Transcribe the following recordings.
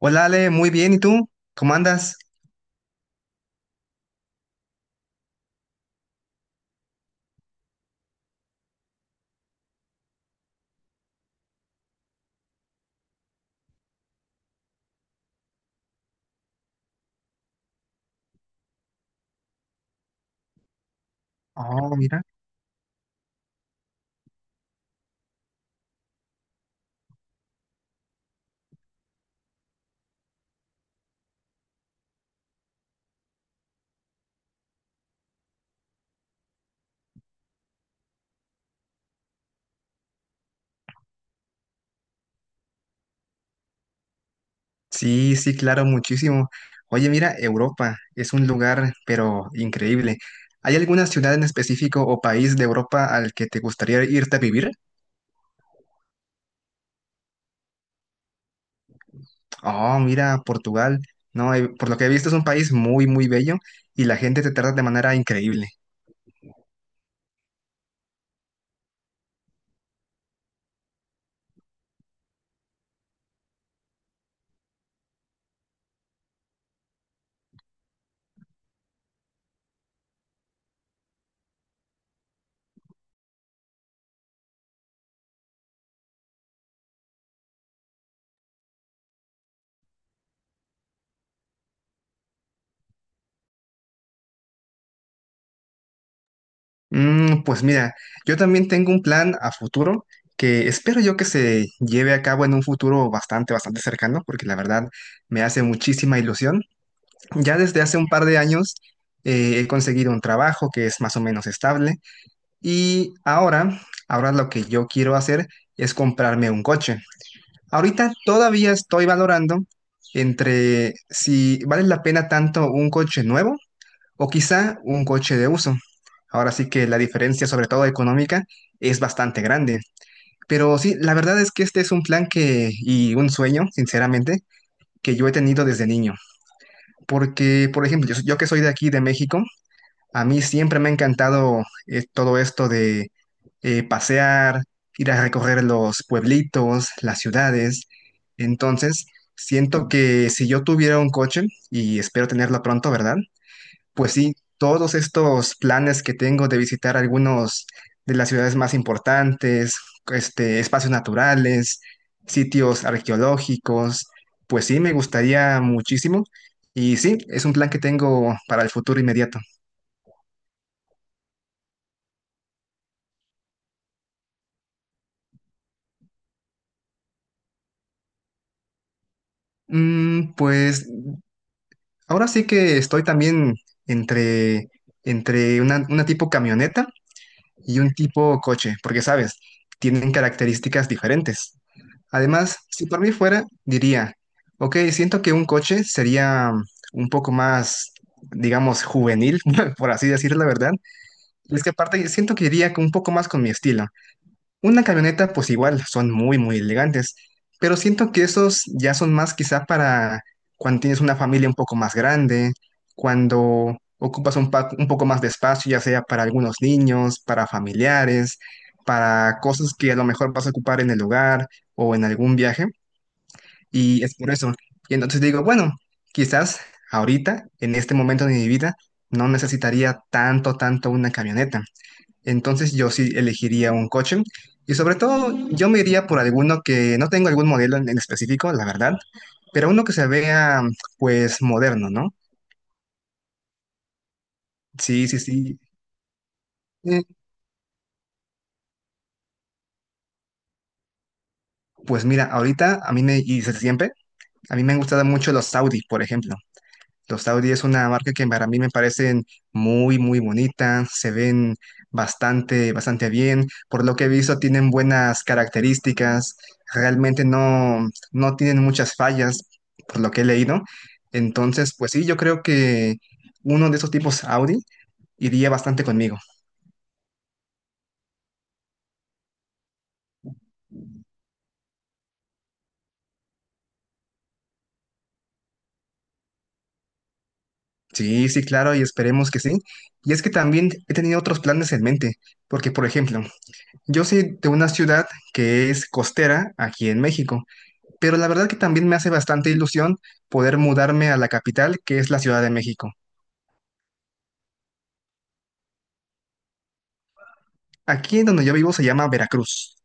Hola Ale, muy bien, ¿y tú? ¿Cómo andas? Oh, mira. Sí, sí, claro, muchísimo. Oye, mira, Europa es un lugar, pero increíble. ¿Hay alguna ciudad en específico o país de Europa al que te gustaría irte a vivir? Oh, mira, Portugal. No, por lo que he visto es un país muy, muy bello y la gente te trata de manera increíble. Mm, pues mira, yo también tengo un plan a futuro que espero yo que se lleve a cabo en un futuro bastante, bastante cercano, porque la verdad me hace muchísima ilusión. Ya desde hace un par de años he conseguido un trabajo que es más o menos estable y ahora lo que yo quiero hacer es comprarme un coche. Ahorita todavía estoy valorando entre si vale la pena tanto un coche nuevo o quizá un coche de uso. Ahora sí que la diferencia, sobre todo económica, es bastante grande. Pero sí, la verdad es que este es un plan que y un sueño, sinceramente, que yo he tenido desde niño. Porque, por ejemplo, yo que soy de aquí, de México, a mí siempre me ha encantado todo esto de pasear, ir a recorrer los pueblitos, las ciudades. Entonces, siento que si yo tuviera un coche, y espero tenerlo pronto, ¿verdad? Pues sí, todos estos planes que tengo de visitar algunos de las ciudades más importantes, este, espacios naturales, sitios arqueológicos, pues sí, me gustaría muchísimo. Y sí, es un plan que tengo para el futuro inmediato. Mm, pues ahora sí que estoy también entre, entre una tipo camioneta y un tipo coche, porque sabes, tienen características diferentes. Además, si por mí fuera, diría, ok, siento que un coche sería un poco más, digamos, juvenil, por así decir la verdad. Y es que aparte siento que iría un poco más con mi estilo. Una camioneta, pues igual, son muy, muy elegantes, pero siento que esos ya son más quizá para cuando tienes una familia un poco más grande, cuando ocupas un poco más de espacio, ya sea para algunos niños, para familiares, para cosas que a lo mejor vas a ocupar en el hogar o en algún viaje, y es por eso. Y entonces digo, bueno, quizás ahorita, en este momento de mi vida, no necesitaría tanto, tanto una camioneta. Entonces yo sí elegiría un coche y sobre todo yo me iría por alguno que no tengo algún modelo en específico, la verdad, pero uno que se vea pues moderno, ¿no? Sí, sí, sí. Eh, Pues mira, ahorita a mí me, y desde siempre, a mí me han gustado mucho los Audi, por ejemplo. Los Audi es una marca que para mí me parecen muy, muy bonita, se ven bastante, bastante bien. Por lo que he visto, tienen buenas características, realmente no, no tienen muchas fallas, por lo que he leído. Entonces, pues sí, yo creo que uno de esos tipos Audi iría bastante conmigo. Sí, sí, claro, y esperemos que sí. Y es que también he tenido otros planes en mente, porque, por ejemplo, yo soy de una ciudad que es costera aquí en México. Pero la verdad que también me hace bastante ilusión poder mudarme a la capital, que es la Ciudad de México. Aquí en donde yo vivo se llama Veracruz.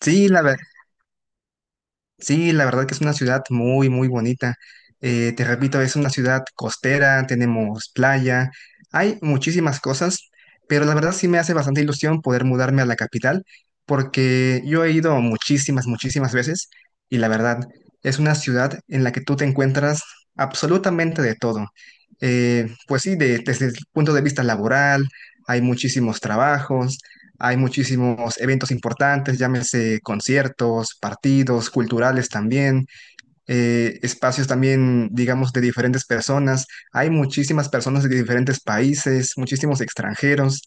Sí, la, ver- Sí, la verdad que es una ciudad muy, muy bonita. Te repito, es una ciudad costera, tenemos playa, hay muchísimas cosas, pero la verdad sí me hace bastante ilusión poder mudarme a la capital, porque yo he ido muchísimas, muchísimas veces y la verdad es una ciudad en la que tú te encuentras absolutamente de todo. Pues sí, desde el punto de vista laboral, hay muchísimos trabajos, hay muchísimos eventos importantes, llámese conciertos, partidos, culturales también, espacios también, digamos, de diferentes personas. Hay muchísimas personas de diferentes países, muchísimos extranjeros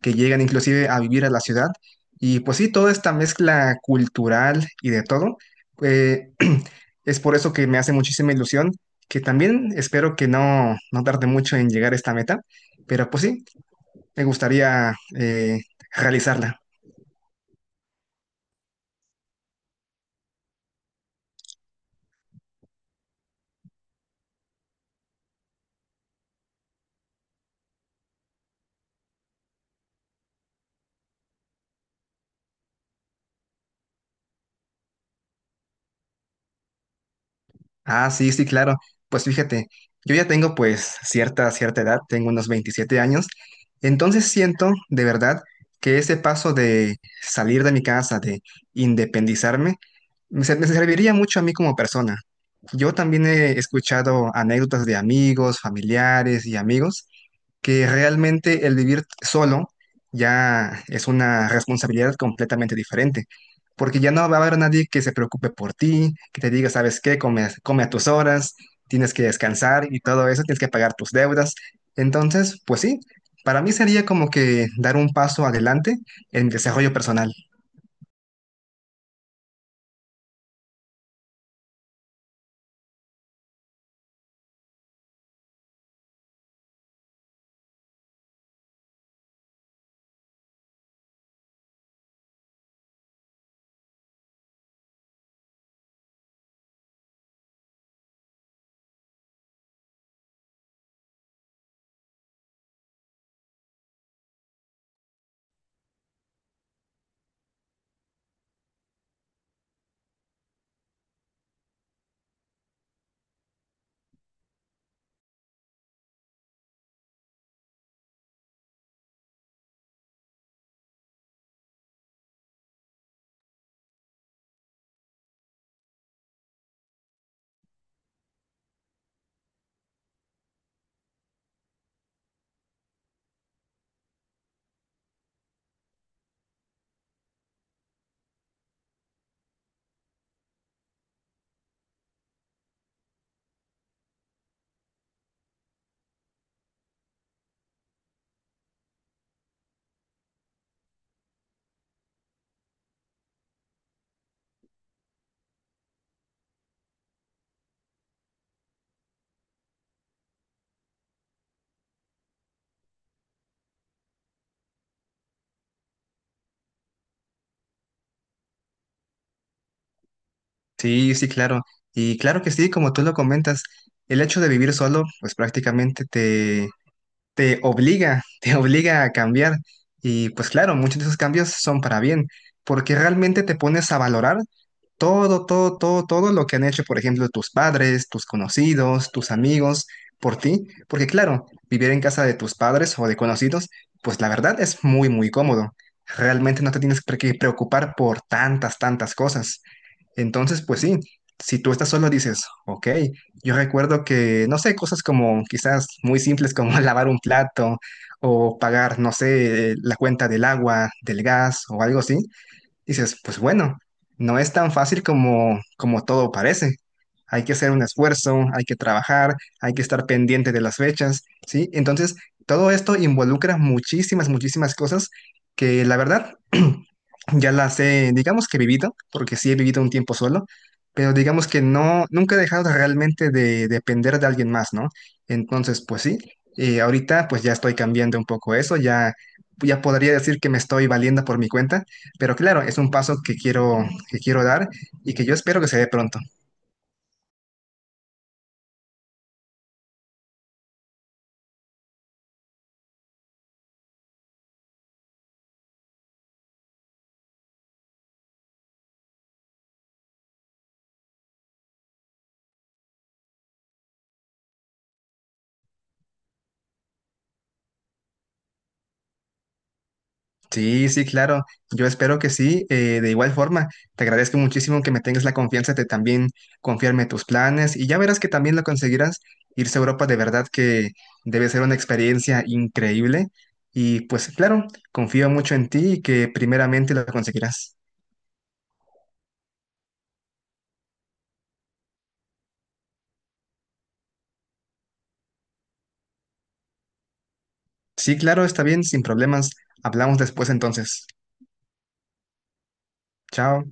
que llegan inclusive a vivir a la ciudad. Y pues sí, toda esta mezcla cultural y de todo, eh, es por eso que me hace muchísima ilusión, que también espero que no, no tarde mucho en llegar a esta meta, pero pues sí, me gustaría realizarla. Ah, sí, sí, claro. Pues fíjate, yo ya tengo pues cierta, cierta edad, tengo unos 27 años, entonces siento de verdad que ese paso de salir de mi casa, de independizarme, me serviría mucho a mí como persona. Yo también he escuchado anécdotas de amigos, familiares y amigos que realmente el vivir solo ya es una responsabilidad completamente diferente, porque ya no va a haber nadie que se preocupe por ti, que te diga, ¿sabes qué? Come, come a tus horas, tienes que descansar y todo eso, tienes que pagar tus deudas. Entonces, pues sí, para mí sería como que dar un paso adelante en mi desarrollo personal. Sí, sí, claro. Y claro que sí, como tú lo comentas, el hecho de vivir solo, pues prácticamente te obliga, te obliga a cambiar. Y pues claro, muchos de esos cambios son para bien, porque realmente te pones a valorar todo, todo, todo, todo lo que han hecho, por ejemplo, tus padres, tus conocidos, tus amigos, por ti, porque claro, vivir en casa de tus padres o de conocidos, pues la verdad es muy, muy cómodo. Realmente no te tienes por qué preocupar por tantas, tantas cosas. Entonces, pues sí, si tú estás solo dices, ok, yo recuerdo que, no sé, cosas como quizás muy simples como lavar un plato o pagar, no sé, la cuenta del agua, del gas o algo así, dices, pues bueno, no es tan fácil como, como todo parece. Hay que hacer un esfuerzo, hay que trabajar, hay que estar pendiente de las fechas, ¿sí? Entonces, todo esto involucra muchísimas, muchísimas cosas que la verdad ya las he, digamos que he vivido, porque sí he vivido un tiempo solo, pero digamos que no, nunca he dejado realmente de depender de alguien más, ¿no? Entonces, pues sí, ahorita pues ya estoy cambiando un poco eso, ya, ya podría decir que me estoy valiendo por mi cuenta, pero claro, es un paso que que quiero dar y que yo espero que se dé pronto. Sí, sí, claro. Yo espero que sí. De igual forma, te agradezco muchísimo que me tengas la confianza de también confiarme tus planes y ya verás que también lo conseguirás. Irse a Europa de verdad que debe ser una experiencia increíble. Y pues claro, confío mucho en ti y que primeramente lo conseguirás. Sí, claro, está bien, sin problemas. Hablamos después entonces. Chao.